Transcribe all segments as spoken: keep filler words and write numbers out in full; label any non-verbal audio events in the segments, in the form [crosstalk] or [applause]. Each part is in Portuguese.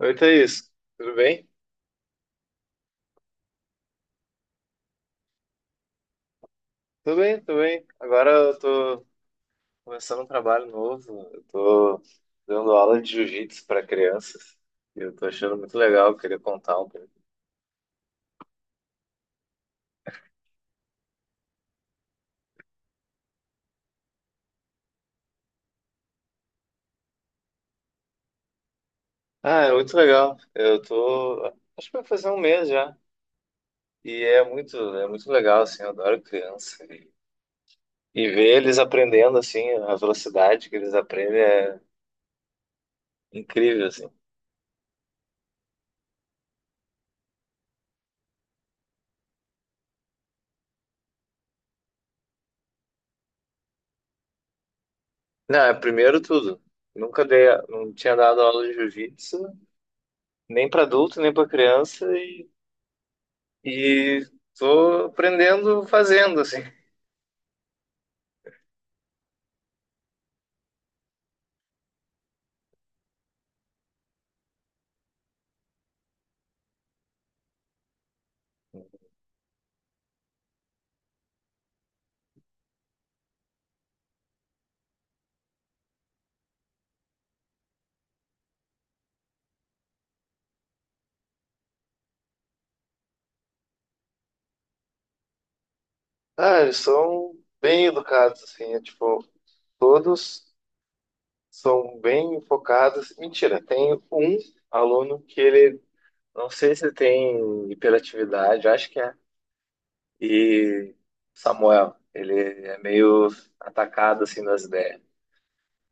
Oi, Thaís, tudo bem? Tudo bem, tudo bem. Agora eu tô começando um trabalho novo, eu tô dando aula de jiu-jitsu para crianças e eu tô achando muito legal, eu queria contar um pouco. Ah, é muito legal, eu tô, acho que vai fazer um mês já e é muito, é muito legal, assim, eu adoro criança e, e ver eles aprendendo, assim, a velocidade que eles aprendem é incrível, assim. Não, é primeiro tudo. Nunca dei, não tinha dado aula de jiu-jitsu, nem para adulto, nem para criança, E Tô aprendendo fazendo, assim. Ah, eles são bem educados, assim, é tipo, todos são bem focados. Mentira, tem um aluno que ele, não sei se tem hiperatividade, acho que é. E Samuel, ele é meio atacado, assim, das ideias.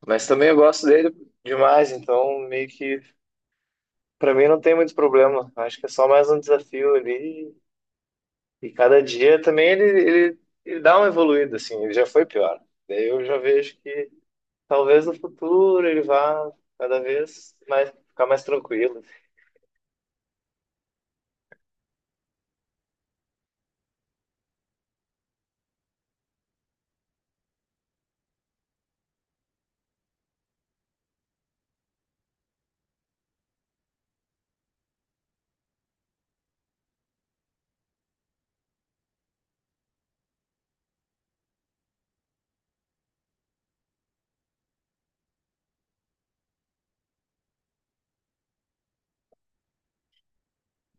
Mas também eu gosto dele demais, então meio que, pra mim não tem muito problema. Acho que é só mais um desafio ali E Cada dia também ele, ele, ele dá uma evoluída, assim, ele já foi pior. Daí eu já vejo que talvez no futuro ele vá cada vez mais ficar mais tranquilo.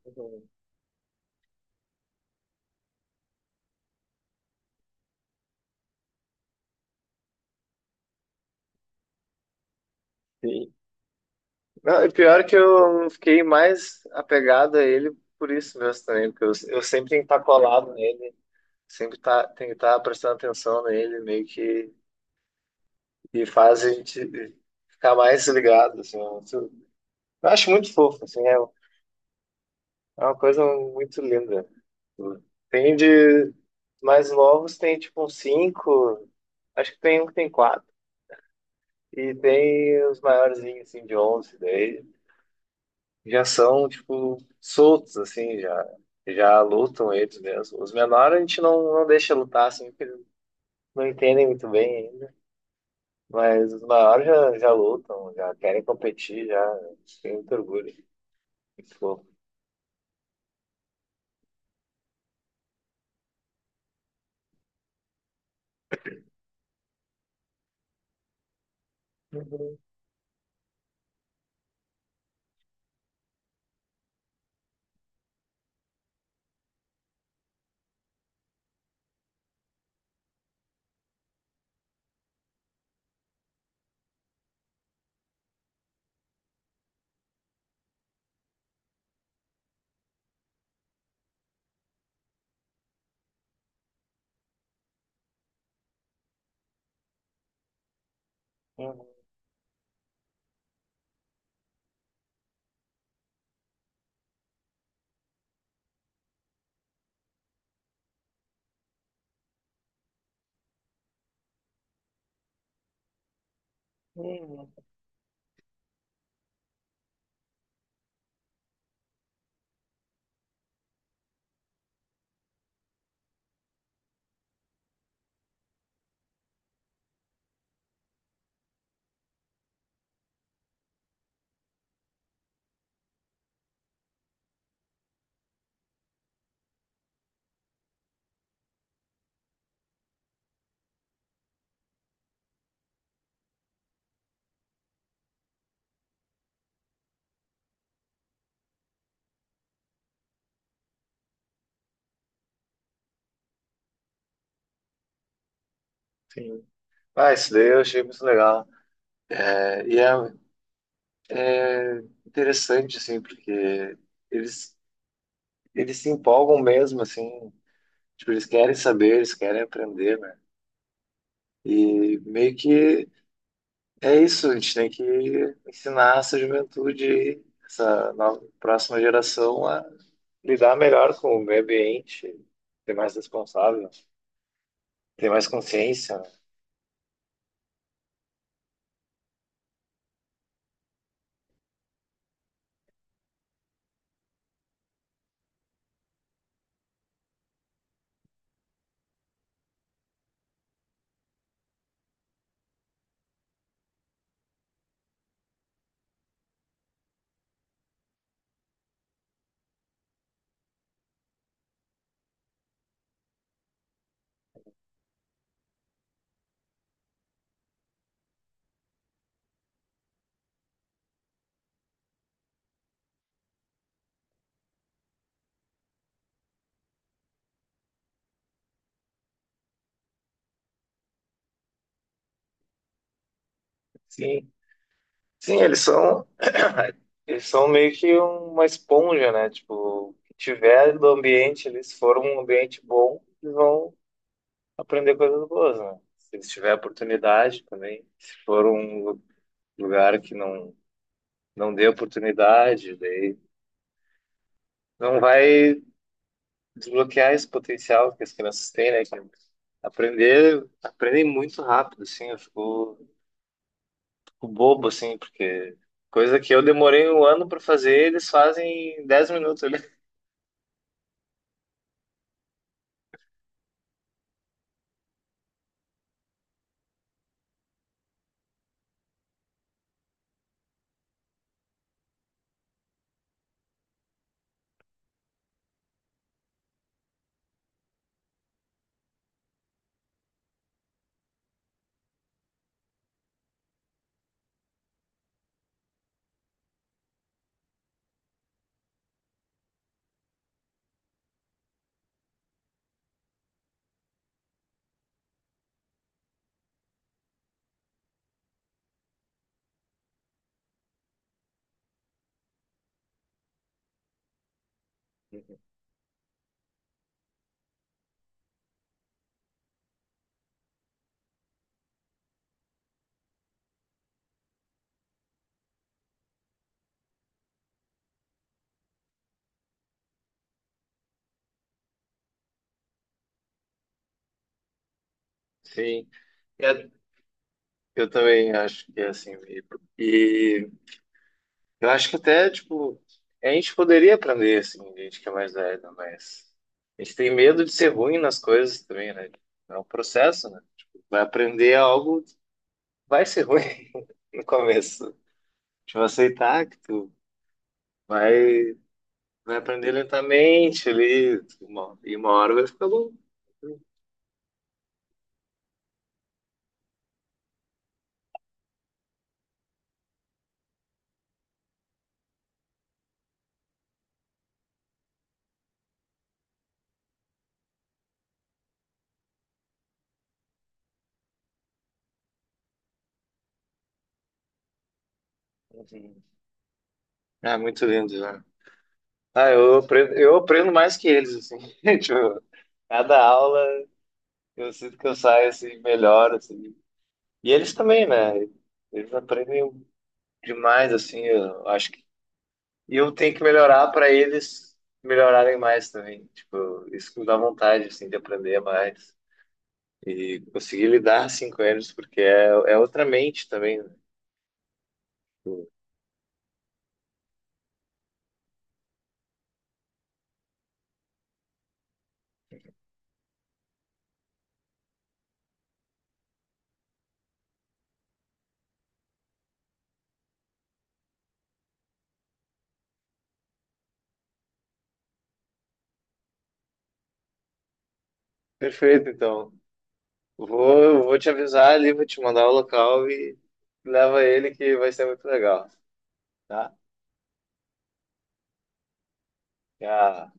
Uhum. Sim. Não, e pior que eu fiquei mais apegado a ele por isso mesmo também, porque eu, eu sempre tenho que estar colado nele, sempre tá, tenho que estar prestando atenção nele, meio que e faz a gente ficar mais ligado, assim. Eu, eu acho muito fofo, assim, é, é uma coisa muito linda. Tem de mais novos, tem tipo uns cinco, acho que tem um que tem quatro E Tem os maiorzinhos, assim, de onze, daí já são, tipo, soltos, assim, já, já lutam eles mesmo Os menores a gente não, não deixa lutar, assim, porque eles não entendem muito bem ainda. Mas os maiores já, já lutam, já querem competir, já tem muito orgulho. Muito fofo. Uhum. Uhum. Sim. Ah, isso daí eu achei muito legal. É, E é É interessante, assim, porque eles, eles se empolgam mesmo, assim, tipo, eles querem saber, eles querem aprender, né? E meio que é isso, a gente tem que ensinar essa juventude, essa nova, próxima geração a lidar melhor com o meio ambiente, ser mais responsável, ter mais consciência, né? Sim, sim, eles são, eles são, meio que uma esponja, né? Tipo, o que tiver do ambiente, eles foram um ambiente bom, eles vão aprender coisas boas, né? Se tiver oportunidade também. Se for um lu- lugar que não, não dê oportunidade, daí não vai desbloquear esse potencial que as crianças têm, né? Que aprender, aprendem muito rápido, assim. Eu fico, fico bobo, assim, porque coisa que eu demorei um ano para fazer, eles fazem em dez minutos ali. Sim, [laughs] é, eu também acho que é assim. E, Eu acho que até, tipo, a gente poderia aprender, assim, gente que é mais velha, mas a gente tem medo de ser ruim nas coisas também, né? É um processo, né? Tipo, vai aprender algo, vai ser ruim [laughs] no começo. Tipo, aceitar que tu vai, vai aprender lentamente ali, uma- e uma hora vai ficar bom. Uhum. Ah, muito lindo, né? Ah, eu aprendo, eu aprendo mais que eles, assim. [laughs] Tipo, cada aula eu sinto que eu saio, assim, melhor, assim. E eles também, né? Eles aprendem demais, assim, eu acho que. E eu tenho que melhorar para eles melhorarem mais também. Tipo, isso que me dá vontade, assim, de aprender mais. E conseguir lidar, assim, com eles, porque é, é outra mente também, né? Tipo. Perfeito, então. Vou, eu vou te avisar ali, vou te mandar o local e leva ele que vai ser muito legal, tá? Já.